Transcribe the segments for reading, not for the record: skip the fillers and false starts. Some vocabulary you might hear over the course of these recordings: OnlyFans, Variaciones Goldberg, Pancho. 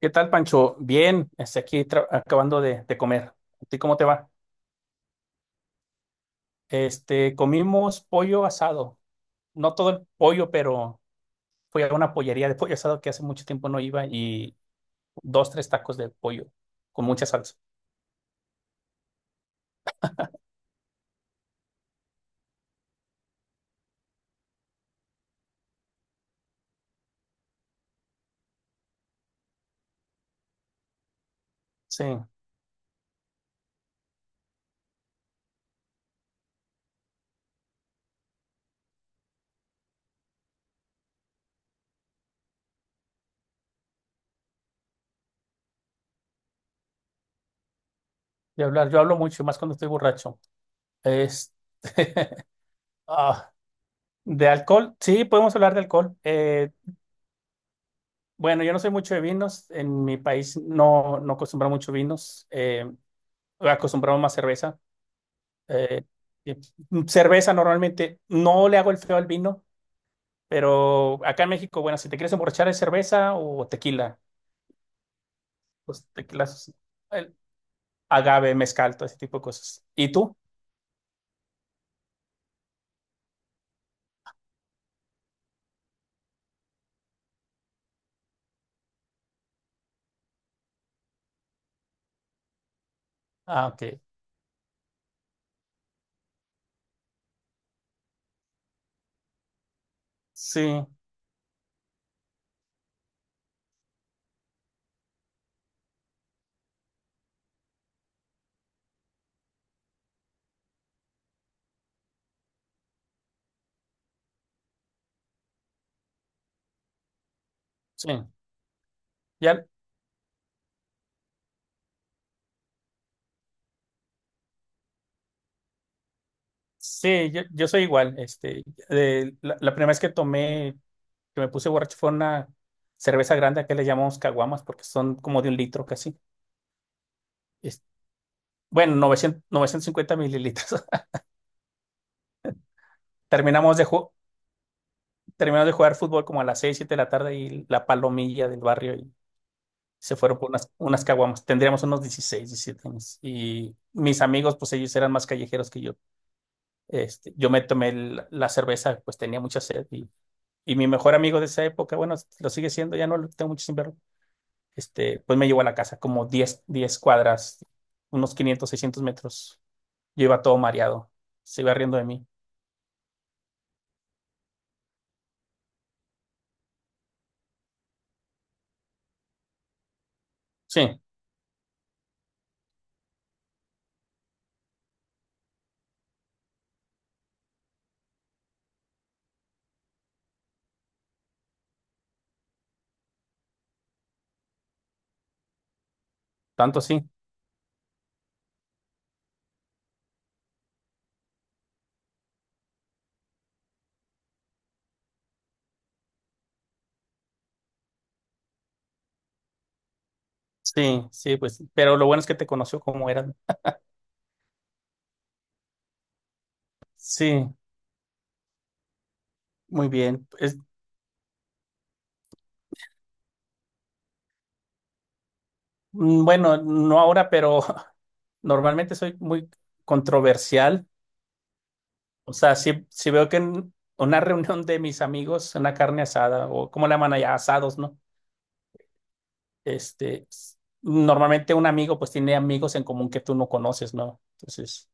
¿Qué tal, Pancho? Bien, aquí acabando de comer. ¿A ti cómo te va? Comimos pollo asado. No todo el pollo, pero fui a una pollería de pollo asado que hace mucho tiempo no iba y dos, tres tacos de pollo con mucha salsa. Sí, de hablar. Yo hablo mucho, más cuando estoy borracho. Este, ah, de alcohol, sí, podemos hablar de alcohol. Bueno, yo no soy mucho de vinos. En mi país no acostumbro mucho vinos. Acostumbramos más cerveza. Eh, y cerveza normalmente no le hago el feo al vino, pero acá en México, bueno, si te quieres emborrachar es cerveza o tequila, pues tequila, el agave, mezcal, todo ese tipo de cosas. ¿Y tú? Ah, ok. Sí, sí. Ya, sí, yo soy igual. La primera vez que tomé, que me puse borracho fue una cerveza grande, que le llamamos caguamas, porque son como de 1 litro casi. Es- bueno, novecientos cincuenta mililitros. Terminamos de, ju- Terminaron de jugar fútbol como a las 6 7 de la tarde y la palomilla del barrio y se fueron por unas caguamas. Tendríamos unos 16 17 años. Y mis amigos, pues ellos eran más callejeros que yo. Yo me tomé la cerveza, pues tenía mucha sed y mi mejor amigo de esa época, bueno, lo sigue siendo, ya no lo tengo mucho sin verlo. Pues me llevó a la casa como diez cuadras, unos 500 600 metros. Yo iba todo mareado, se iba riendo de mí. Sí, tanto sí. Sí, sí, pues, pero lo bueno es que te conoció como eran. Sí. Muy bien. Bueno, no ahora, pero normalmente soy muy controversial. O sea, si veo que en una reunión de mis amigos, una carne asada, o como le llaman allá, asados, ¿no? Normalmente un amigo pues tiene amigos en común que tú no conoces, ¿no? Entonces,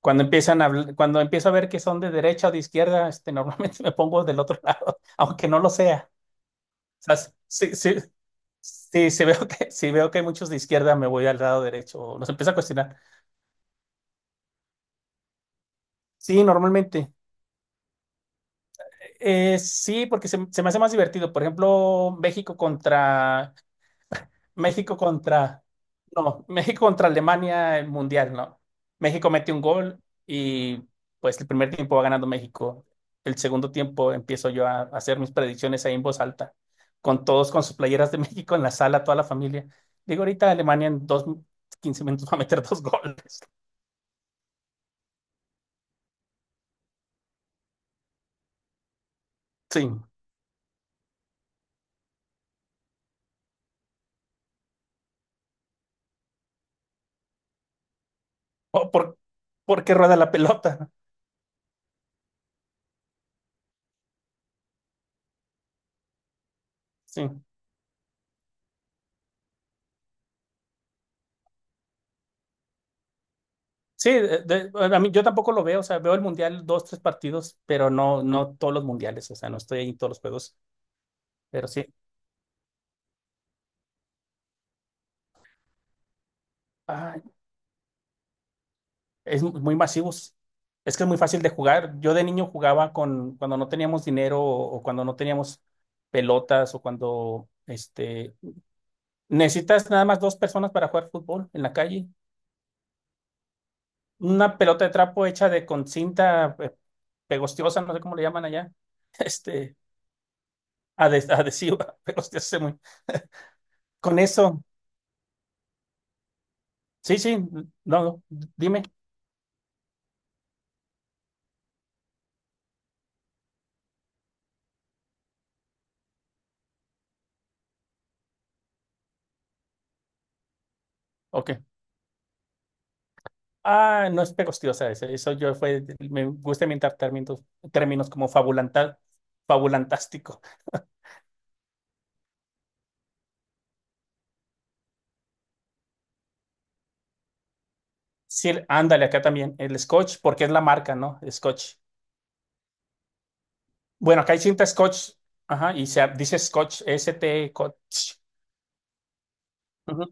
cuando empiezo a ver que son de derecha o de izquierda, normalmente me pongo del otro lado, aunque no lo sea. O sea, sí, si veo que hay muchos de izquierda, me voy al lado derecho, o los empiezo a cuestionar. Sí, normalmente. Sí, porque se me hace más divertido. Por ejemplo, México contra no, México contra Alemania el mundial, ¿no? México mete un gol y pues el primer tiempo va ganando México. El segundo tiempo empiezo yo a hacer mis predicciones ahí en voz alta, con todos con sus playeras de México en la sala, toda la familia. Digo, ahorita Alemania en 15 minutos va a meter dos goles. Sí. O por, Porque rueda la pelota. Sí. Sí, bueno, a mí, yo tampoco lo veo, o sea, veo el mundial dos, tres partidos, pero no todos los mundiales, o sea, no estoy ahí en todos los juegos, pero sí. Ay, es muy masivos. Es que es muy fácil de jugar. Yo de niño jugaba con cuando no teníamos dinero o cuando no teníamos pelotas o cuando necesitas nada más dos personas para jugar fútbol en la calle. Una pelota de trapo hecha de con cinta pegostiosa, no sé cómo le llaman allá, este adhesiva, pegostiosa, muy. Con eso. Sí, sí, no, no, dime. Ok. Ah, no es pegostiosa ese. Eso yo fue, me gusta inventar términos, como fabulantal, fabulantástico. Sí, ándale, acá también. El Scotch, porque es la marca, ¿no? Scotch. Bueno, acá hay cinta Scotch. Ajá, y se dice Scotch, S-T, Scotch. Ujú.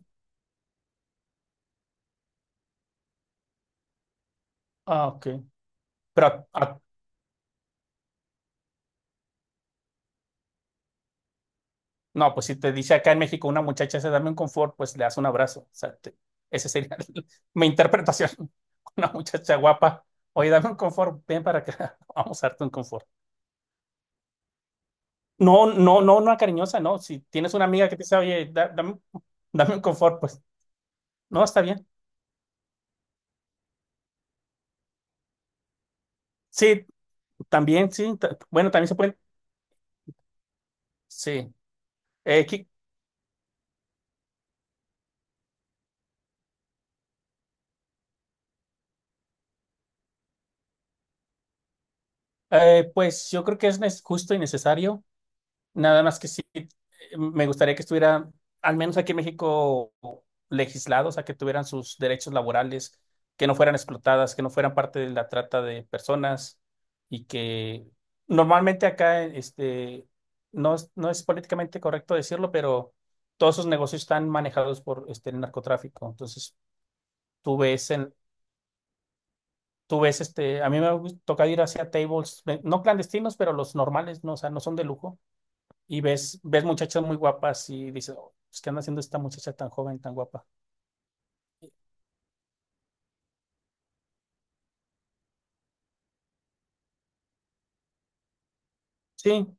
Ah, ok. Pero a. No, pues si te dice acá en México una muchacha se dame un confort, pues le das un abrazo. O sea, esa sería mi interpretación. Una muchacha guapa, oye, dame un confort, ven para acá, vamos a darte un confort. No, no, no, no cariñosa, no. Si tienes una amiga que te dice, oye, dame, dame un confort, pues no, está bien. Sí, también, sí. Bueno, también se pueden. Sí. Eh, qui- pues yo creo que es justo y necesario. Nada más que sí, me gustaría que estuviera, al menos aquí en México, legislado, o sea, que tuvieran sus derechos laborales, que no fueran explotadas, que no fueran parte de la trata de personas y que normalmente acá, no es políticamente correcto decirlo, pero todos esos negocios están manejados por el narcotráfico. Entonces, tú ves en... tú ves, a mí me toca ir hacia tables, no clandestinos, pero los normales, no, o sea, no son de lujo y ves muchachas muy guapas y dices: "Oh, pues, ¿qué anda haciendo esta muchacha tan joven, tan guapa?" Sí,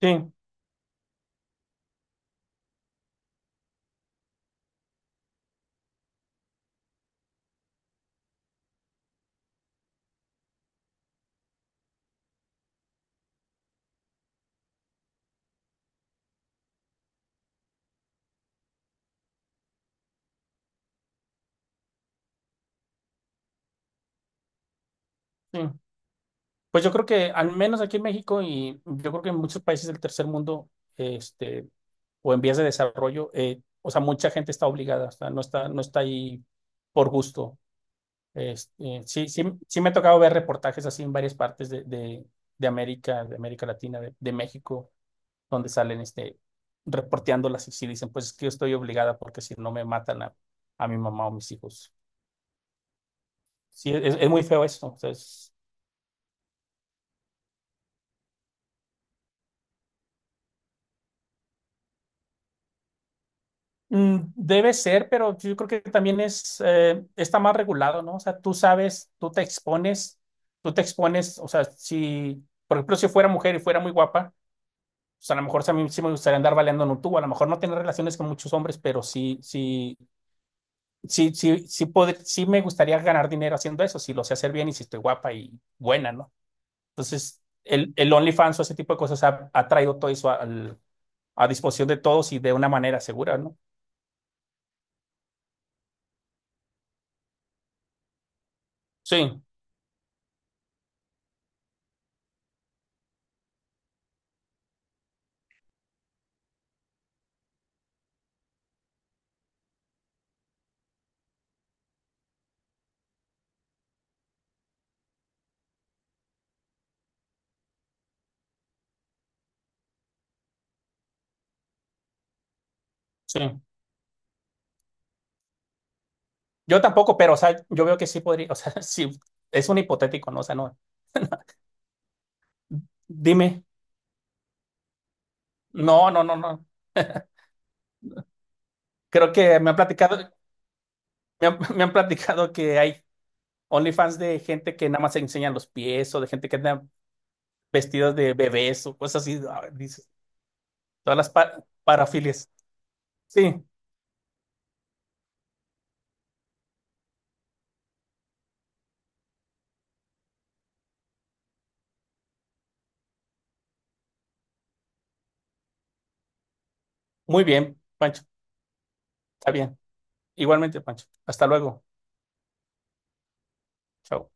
sí, sí. Pues yo creo que al menos aquí en México y yo creo que en muchos países del tercer mundo, este, o en vías de desarrollo, o sea, mucha gente está obligada, o sea, no está ahí por gusto. Sí, sí, sí me ha tocado ver reportajes así en varias partes de América, de América Latina, de México, donde salen reporteándolas y sí dicen, pues es que yo estoy obligada porque si no me matan a mi mamá o mis hijos. Sí, es muy feo eso. O sea, debe ser, pero yo creo que también está más regulado, ¿no? O sea, tú sabes, tú te expones, o sea, si, por ejemplo, si fuera mujer y fuera muy guapa, pues a lo mejor sí a mí sí me gustaría andar baleando en un tubo, a lo mejor no tener relaciones con muchos hombres, pero sí, sí, sí, sí, sí, sí me gustaría ganar dinero haciendo eso, si lo sé hacer bien y si estoy guapa y buena, ¿no? Entonces, el OnlyFans o ese tipo de cosas ha traído todo eso a disposición de todos y de una manera segura, ¿no? Sí, sí. Yo tampoco, pero, o sea, yo veo que sí podría, o sea, sí, es un hipotético, ¿no? O sea, no. Dime. No, no, no, no. Creo que me han platicado, me han, me han platicado que hay OnlyFans de gente que nada más se enseñan los pies o de gente que anda vestidas de bebés o cosas así, ah, dices, todas las parafilias. Sí, muy bien, Pancho. Está bien. Igualmente, Pancho. Hasta luego. Chao.